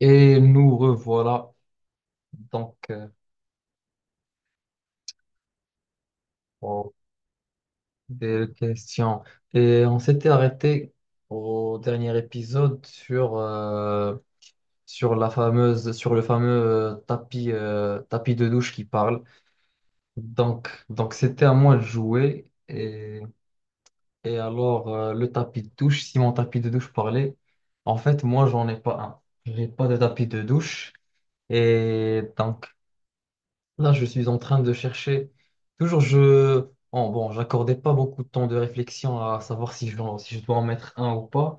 Et nous revoilà donc euh, pour des questions. Et on s'était arrêté au dernier épisode sur la fameuse, sur le fameux tapis, tapis de douche qui parle. Donc c'était à moi de jouer. Et alors, le tapis de douche, si mon tapis de douche parlait, en fait, moi, j'en ai pas un. J'ai pas de tapis de douche. Et donc, là, je suis en train de chercher. Toujours, je. J'accordais pas beaucoup de temps de réflexion à savoir si je dois en mettre un ou pas.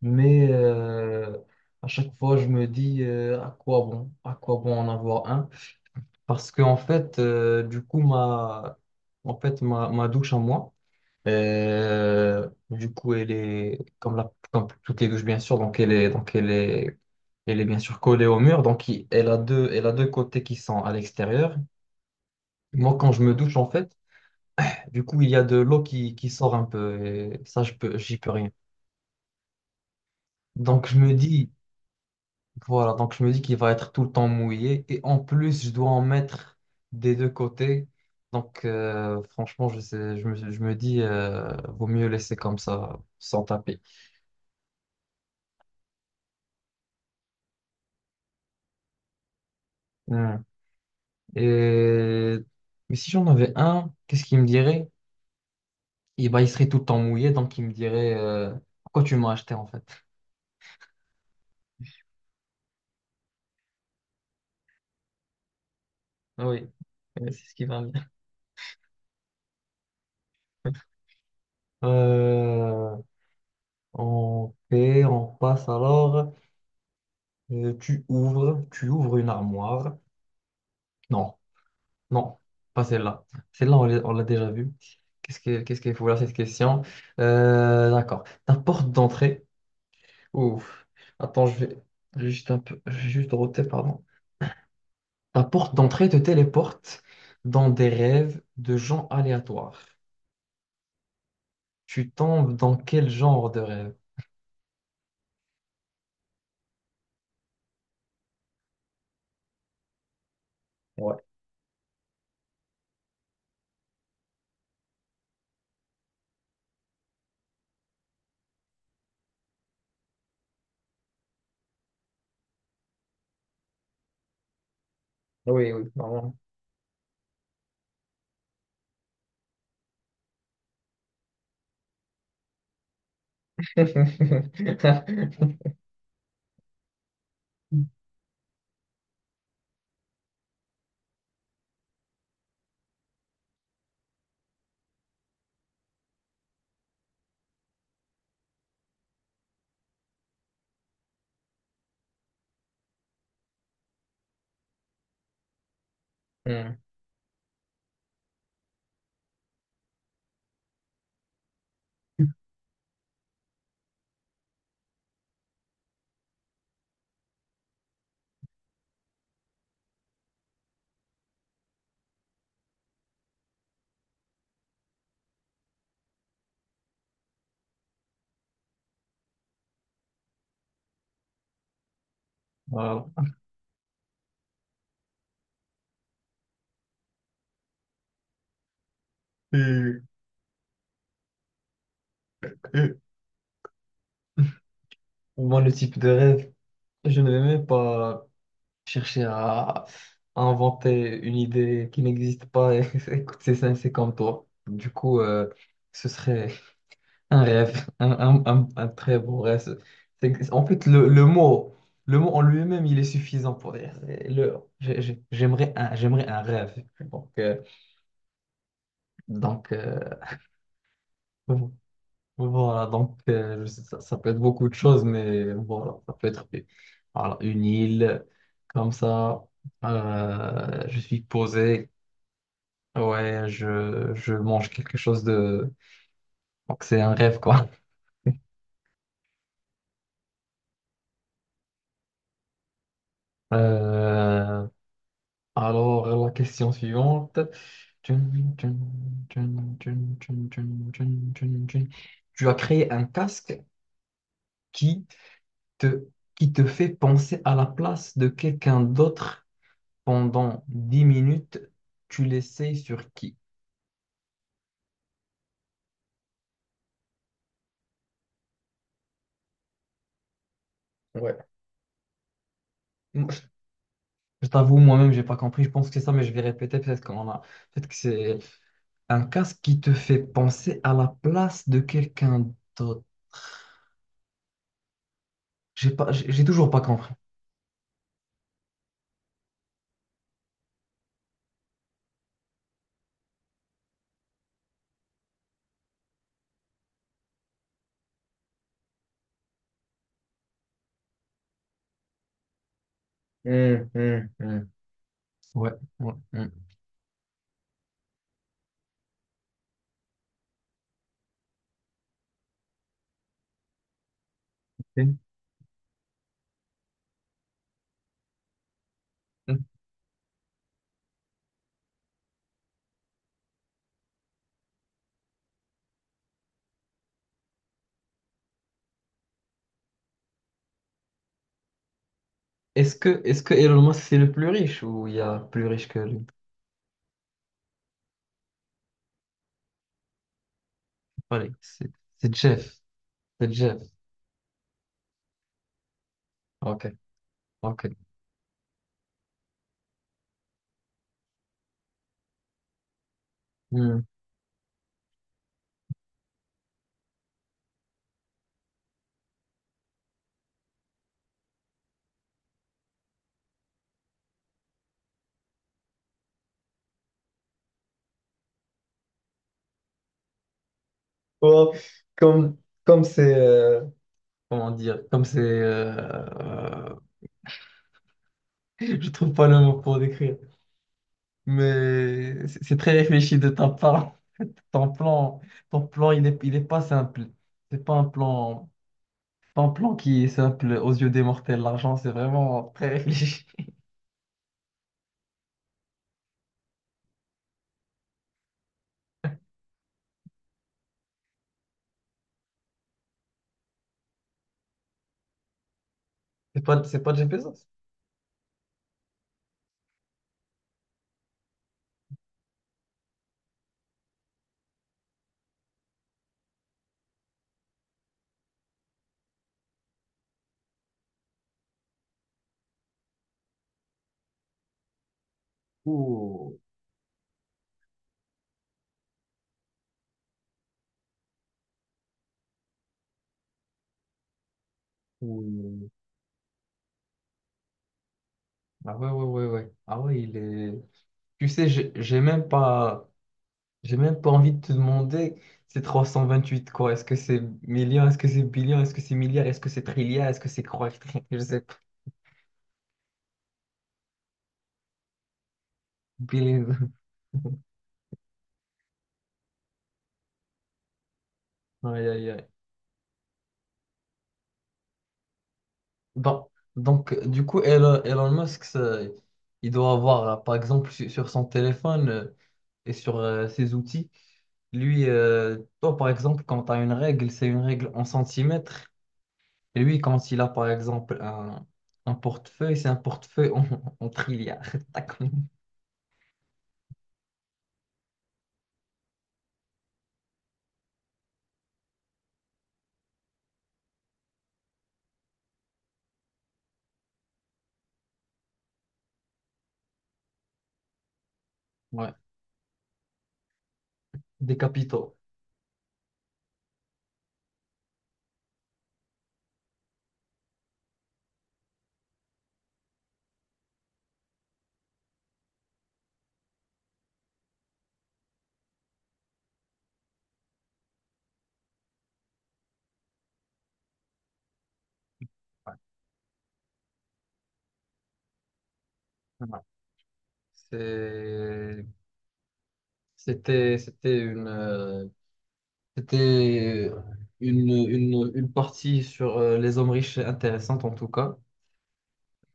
Mais à chaque fois, je me dis, à quoi bon en avoir un? Parce que, en fait, ma douche à moi, elle est comme, comme toutes les douches, bien sûr. Donc elle est bien sûr collée au mur. Donc, elle a elle a deux côtés qui sont à l'extérieur. Moi, quand je me douche, en fait, du coup, il y a de l'eau qui sort un peu et ça, j'y peux rien. Donc, je me dis, voilà, donc je me dis qu'il va être tout le temps mouillé et en plus, je dois en mettre des deux côtés. Donc, franchement, je me dis, vaut mieux laisser comme ça, sans taper. Hmm. Et... Mais si j'en avais un, qu'est-ce qu'il me dirait? Eh ben, il serait tout le temps mouillé, donc il me dirait, pourquoi tu m'as acheté, en fait? Oui, c'est ce qui va bien. Euh, On fait, on passe alors. Tu ouvres une armoire. Non, non, pas celle-là. Celle-là, on l'a déjà vue. Qu'est-ce qu'il faut là, cette question? D'accord. Ta porte d'entrée. Ouf. Attends, je vais juste roter, pardon. Ta porte d'entrée te téléporte dans des rêves de gens aléatoires. Tu tombes dans quel genre de rêve? Ouais. Oui, oui, normalement. Hmm. Voilà. Euh, euh, Moi, le type de rêve, je ne vais même pas chercher à inventer une idée qui n'existe pas. Et écoute, c'est ça, c'est comme toi. Du coup, ce serait un rêve, un, un très beau rêve. C'est- en fait, le mot en lui-même, il est suffisant pour dire. Le, j'aimerais un rêve. Donc euh, Voilà, je sais, ça peut être beaucoup de choses, mais voilà, ça peut être voilà, une île comme ça. Je suis posé, ouais, je mange quelque chose de. Donc c'est un rêve, quoi. Euh, alors, la question suivante. Tu as créé un casque qui te, qui te fait penser à la place de quelqu'un d'autre pendant 10 minutes, tu l'essayes sur qui? Ouais. Moi, je t'avoue, moi-même, j'ai pas compris. Je pense que c'est ça, mais je vais répéter peut-être qu'on a. Peut-être que c'est un casque qui te fait penser à la place de quelqu'un d'autre. J'ai toujours pas compris. Hum, hum, hum. Ouais. Ouais, ouais. Mm. Est-ce que Elon Musk c'est le plus riche ou il y a plus riche que lui? Allez, c'est Jeff. C'est Jeff. Ok. Ok. Mm. Oh, comme comme c'est comment dire, je trouve pas le mot pour décrire, mais c'est très réfléchi de ta part. Ton plan, il est pas simple. C'est pas un plan, pas un plan qui est simple aux yeux des mortels. L'argent, c'est vraiment très réfléchi. C'est pas Jeff Bezos. Ouh, ouh. Ah ouais, ouais, ouais, ouais. Ah ouais, il est. Tu sais, j'ai même pas. J'ai même pas envie de te demander, c'est 328 quoi? Est-ce que c'est million? Est-ce que c'est billion? Est-ce que c'est milliard? Est-ce que c'est trilliard? Est-ce que c'est croix je sais pas. Billion. Aïe, aïe, aïe. Bon, du coup, Elon, Elon Musk, ça, il doit avoir, par exemple, sur son téléphone et sur ses outils, toi, par exemple, quand tu as une règle, c'est une règle en centimètres. Et lui, quand il a, par exemple, un portefeuille, c'est un portefeuille en, en trilliard. D'accord. Ouais. Des capitaux. Ouais. Ouais. C'est- c'était c'était une, une partie sur les hommes riches intéressante en tout cas.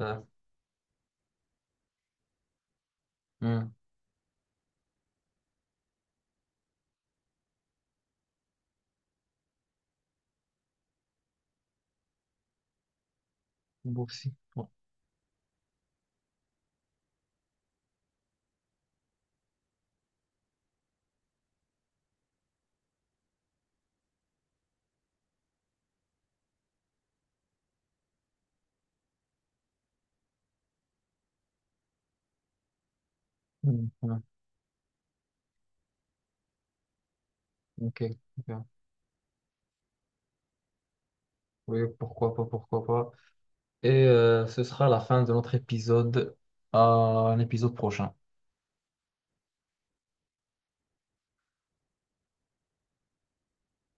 Euh, hmm, boursier. Ouais. Hmm, hmm, ok. Ok. Oui, pourquoi pas, pourquoi pas. Ce sera la fin de notre épisode. À un épisode prochain.